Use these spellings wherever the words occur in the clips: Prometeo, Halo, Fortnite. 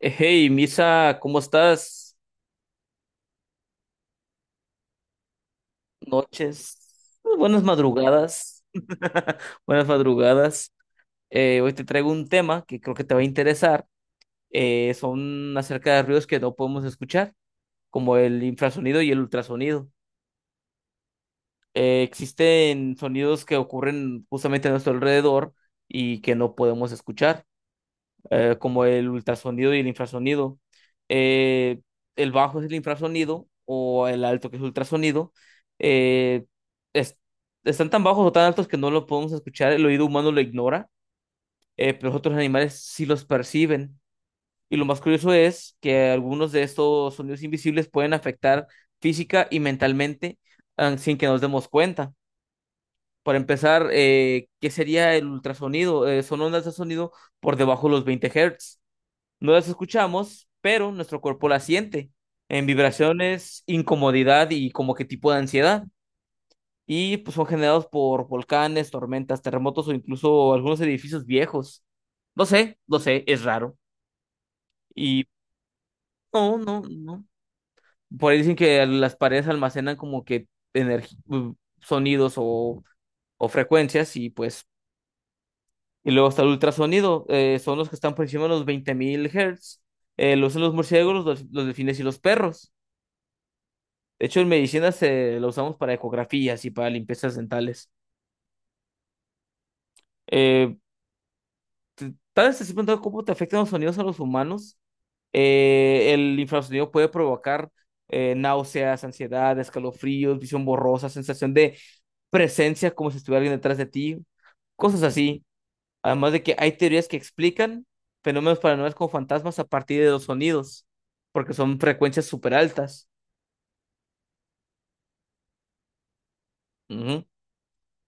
Hey, Misa, ¿cómo estás? Noches, pues, buenas madrugadas, buenas madrugadas. Hoy te traigo un tema que creo que te va a interesar. Son acerca de ruidos que no podemos escuchar, como el infrasonido y el ultrasonido. Existen sonidos que ocurren justamente a nuestro alrededor y que no podemos escuchar, como el ultrasonido y el infrasonido. Eh, el bajo es el infrasonido o el alto que es ultrasonido. Eh, es- están tan bajos o tan altos que no lo podemos escuchar, el oído humano lo ignora. Pero los otros animales sí los perciben. Y lo más curioso es que algunos de estos sonidos invisibles pueden afectar física y mentalmente, sin que nos demos cuenta. Para empezar, ¿qué sería el ultrasonido? Son ondas de sonido por debajo de los 20 Hz. No las escuchamos, pero nuestro cuerpo las siente en vibraciones, incomodidad y como que tipo de ansiedad. Y pues son generados por volcanes, tormentas, terremotos o incluso algunos edificios viejos. No sé, no sé, es raro. Y no, no, no. Por ahí dicen que las paredes almacenan como que sonidos o frecuencias y pues. Y luego está el ultrasonido. Son los que están por encima de los 20.000 Hz. Los son los murciélagos, los delfines y los perros. De hecho, en medicina se la usamos para ecografías y para limpiezas dentales. Eh, Tal vez te has preguntado cómo te afectan los sonidos a los humanos. El infrasonido puede provocar, náuseas, ansiedad, escalofríos, visión borrosa, sensación de presencia como si estuviera alguien detrás de ti, cosas así. Además de que hay teorías que explican fenómenos paranormales como fantasmas a partir de los sonidos, porque son frecuencias súper altas.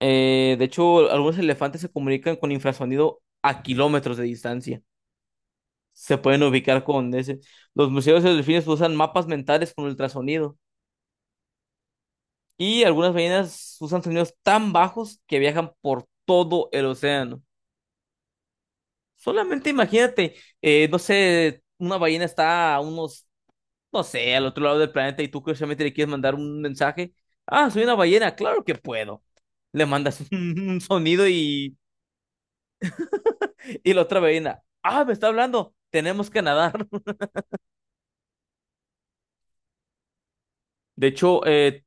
De hecho, algunos elefantes se comunican con infrasonido a kilómetros de distancia. Se pueden ubicar con ese. Los museos de delfines usan mapas mentales con ultrasonido. Y algunas ballenas usan sonidos tan bajos que viajan por todo el océano. Solamente imagínate, no sé, una ballena está a unos, no sé, al otro lado del planeta y tú curiosamente le quieres mandar un mensaje. Ah, soy una ballena, claro que puedo. Le mandas un sonido y. Y la otra ballena, ah, me está hablando, tenemos que nadar. De hecho,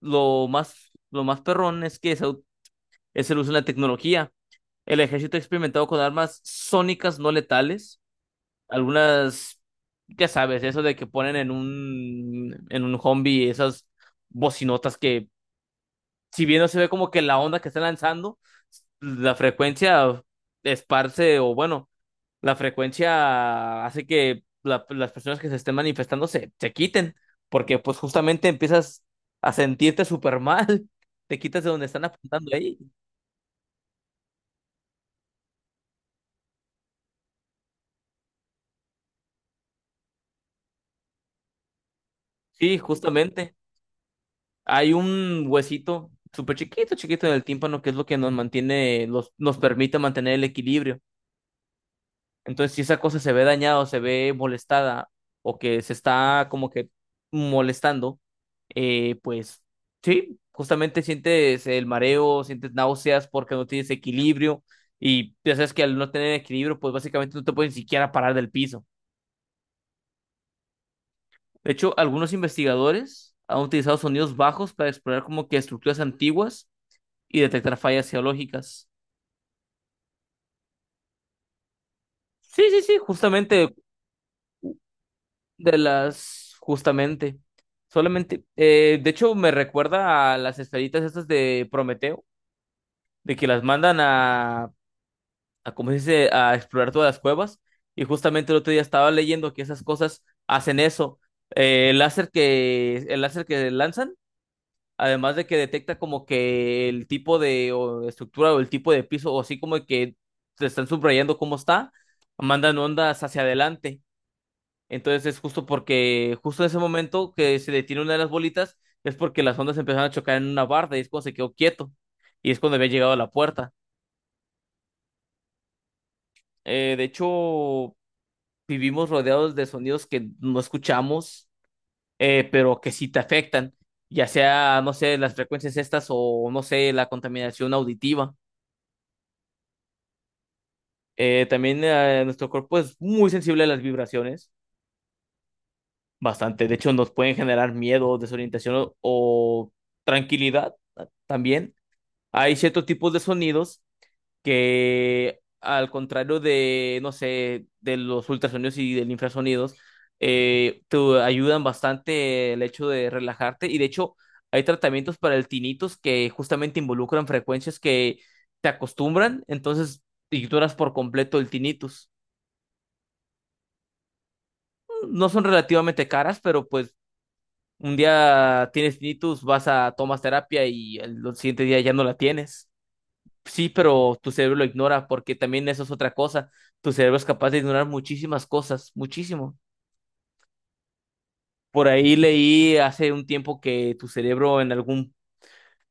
lo más perrón es que es el uso de la tecnología. El ejército ha experimentado con armas sónicas no letales. Algunas, ya sabes, eso de que ponen en un zombie esas bocinotas que si bien no se ve como que la onda que está lanzando, la frecuencia esparce o bueno, la frecuencia hace que las personas que se estén manifestando se quiten, porque pues justamente empiezas a sentirte súper mal, te quitas de donde están apuntando ahí. Sí, justamente. Hay un huesito súper chiquito, chiquito en el tímpano, que es lo que nos mantiene, nos permite mantener el equilibrio. Entonces, si esa cosa se ve dañada o se ve molestada o que se está como que molestando, pues sí, justamente sientes el mareo, sientes náuseas porque no tienes equilibrio y ya sabes que al no tener equilibrio, pues básicamente no te puedes ni siquiera parar del piso. De hecho, algunos investigadores han utilizado sonidos bajos para explorar como que estructuras antiguas y detectar fallas geológicas. Sí, sí, sí, justamente de las, justamente, solamente, de hecho me recuerda a las esferitas estas de Prometeo, de que las mandan a, ¿cómo se dice?, a explorar todas las cuevas, y justamente el otro día estaba leyendo que esas cosas hacen eso. El láser que lanzan, además de que detecta como que el tipo de o estructura o el tipo de piso, o así como que te están subrayando cómo está, mandan ondas hacia adelante. Entonces es justo porque, justo en ese momento que se detiene una de las bolitas, es porque las ondas empezaron a chocar en una barda y es cuando se quedó quieto. Y es cuando había llegado a la puerta. De hecho, vivimos rodeados de sonidos que no escuchamos, pero que sí te afectan. Ya sea, no sé, las frecuencias estas o, no sé, la contaminación auditiva. También, nuestro cuerpo es muy sensible a las vibraciones, bastante. De hecho, nos pueden generar miedo, desorientación o tranquilidad, también. Hay ciertos tipos de sonidos que, al contrario de, no sé, de los ultrasonidos y del infrasonidos, te ayudan bastante el hecho de relajarte. Y de hecho, hay tratamientos para el tinnitus que justamente involucran frecuencias que te acostumbran, entonces ignoras por completo el tinnitus. No son relativamente caras, pero pues un día tienes tinnitus, vas a tomas terapia y el siguiente día ya no la tienes. Sí, pero tu cerebro lo ignora porque también eso es otra cosa. Tu cerebro es capaz de ignorar muchísimas cosas, muchísimo. Por ahí leí hace un tiempo que tu cerebro en algún,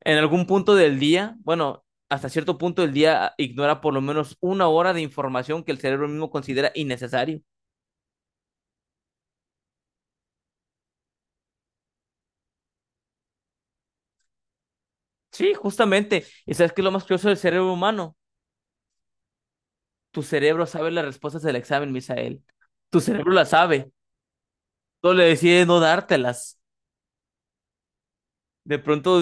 en algún punto del día, bueno, hasta cierto punto del día ignora por lo menos una hora de información que el cerebro mismo considera innecesario. Sí, justamente. ¿Y sabes qué es lo más curioso del cerebro humano? Tu cerebro sabe las respuestas del examen, Misael. Tu cerebro las sabe. Solo le decide no dártelas. De pronto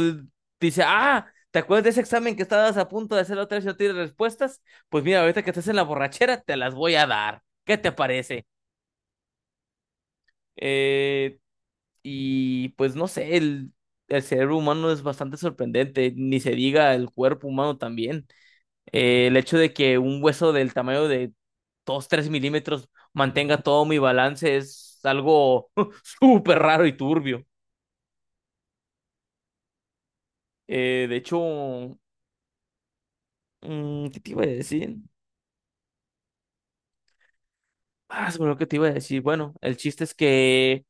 dice, ah, ¿te acuerdas de ese examen que estabas a punto de hacer otra vez y no tienes respuestas? Pues mira, ahorita que estás en la borrachera, te las voy a dar. ¿Qué te parece? Eh, y pues no sé, el cerebro humano es bastante sorprendente, ni se diga el cuerpo humano también. El hecho de que un hueso del tamaño de 2 3 milímetros mantenga todo mi balance es algo súper raro y turbio. De hecho, ¿qué te iba a decir? Ah, se me que te iba a decir. Bueno, el chiste es que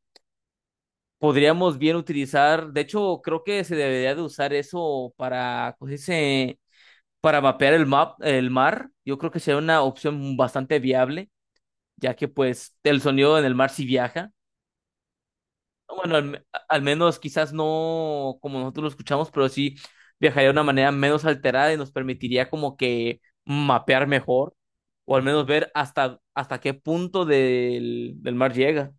podríamos bien utilizar, de hecho, creo que se debería de usar eso para, ¿cómo se dice? Para mapear el mar. Yo creo que sería una opción bastante viable, ya que pues el sonido en el mar sí viaja. Bueno, al menos quizás no como nosotros lo escuchamos, pero sí viajaría de una manera menos alterada y nos permitiría como que mapear mejor, o al menos ver hasta qué punto del mar llega.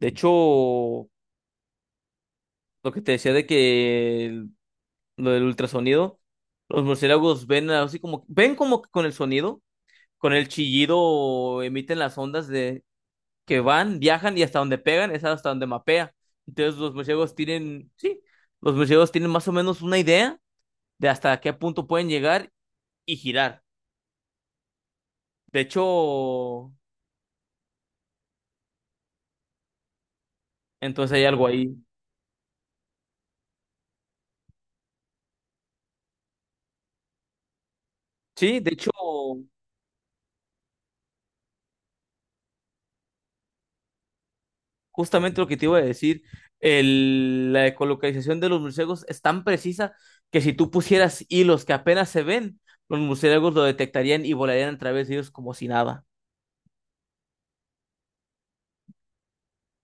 De hecho, lo que te decía de que lo del ultrasonido, los murciélagos ven así como, ven como que con el sonido, con el chillido emiten las ondas de que van, viajan y hasta donde pegan es hasta donde mapea. Entonces los murciélagos tienen, sí, los murciélagos tienen más o menos una idea de hasta qué punto pueden llegar y girar. De hecho, entonces hay algo ahí. Sí, de hecho. Justamente lo que te iba a decir, la ecolocalización de los murciélagos es tan precisa que si tú pusieras hilos que apenas se ven, los murciélagos lo detectarían y volarían a través de ellos como si nada.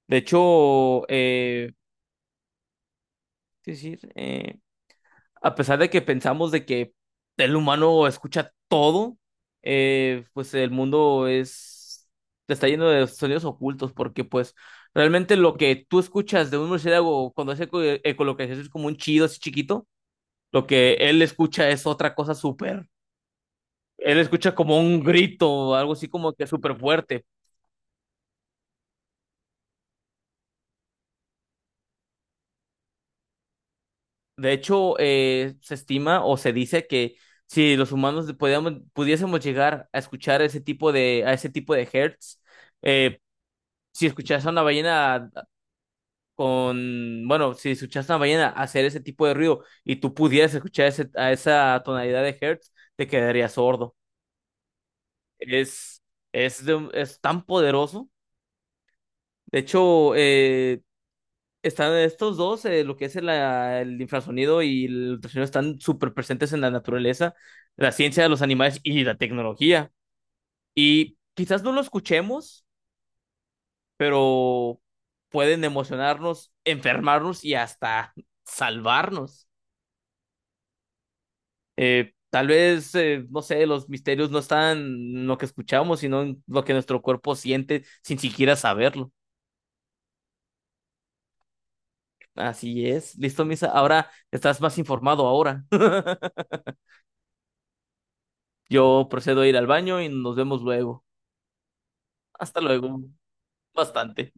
De hecho, es decir, a pesar de que pensamos de que el humano escucha todo, pues el mundo es está lleno de sonidos ocultos porque pues realmente lo que tú escuchas de un murciélago cuando hace ecolocalización es como un chido así chiquito. Lo que él escucha es otra cosa súper. Él escucha como un grito, algo así como que súper fuerte. De hecho, se estima o se dice que si los humanos pudiésemos llegar a escuchar ese tipo de, a ese tipo de hertz, eh, si escuchas a una ballena con, bueno, si escuchas a una ballena hacer ese tipo de ruido y tú pudieras escuchar a esa tonalidad de hertz, te quedarías sordo. Es, es tan poderoso. De hecho, están estos dos, lo que es el, el infrasonido y el ultrasonido, están súper presentes en la naturaleza, la ciencia de los animales y la tecnología. Y quizás no lo escuchemos, pero pueden emocionarnos, enfermarnos y hasta salvarnos. Tal vez, no sé, los misterios no están en lo que escuchamos, sino en lo que nuestro cuerpo siente sin siquiera saberlo. Así es. Listo, Misa. Ahora estás más informado ahora. Yo procedo a ir al baño y nos vemos luego. Hasta luego. Bastante.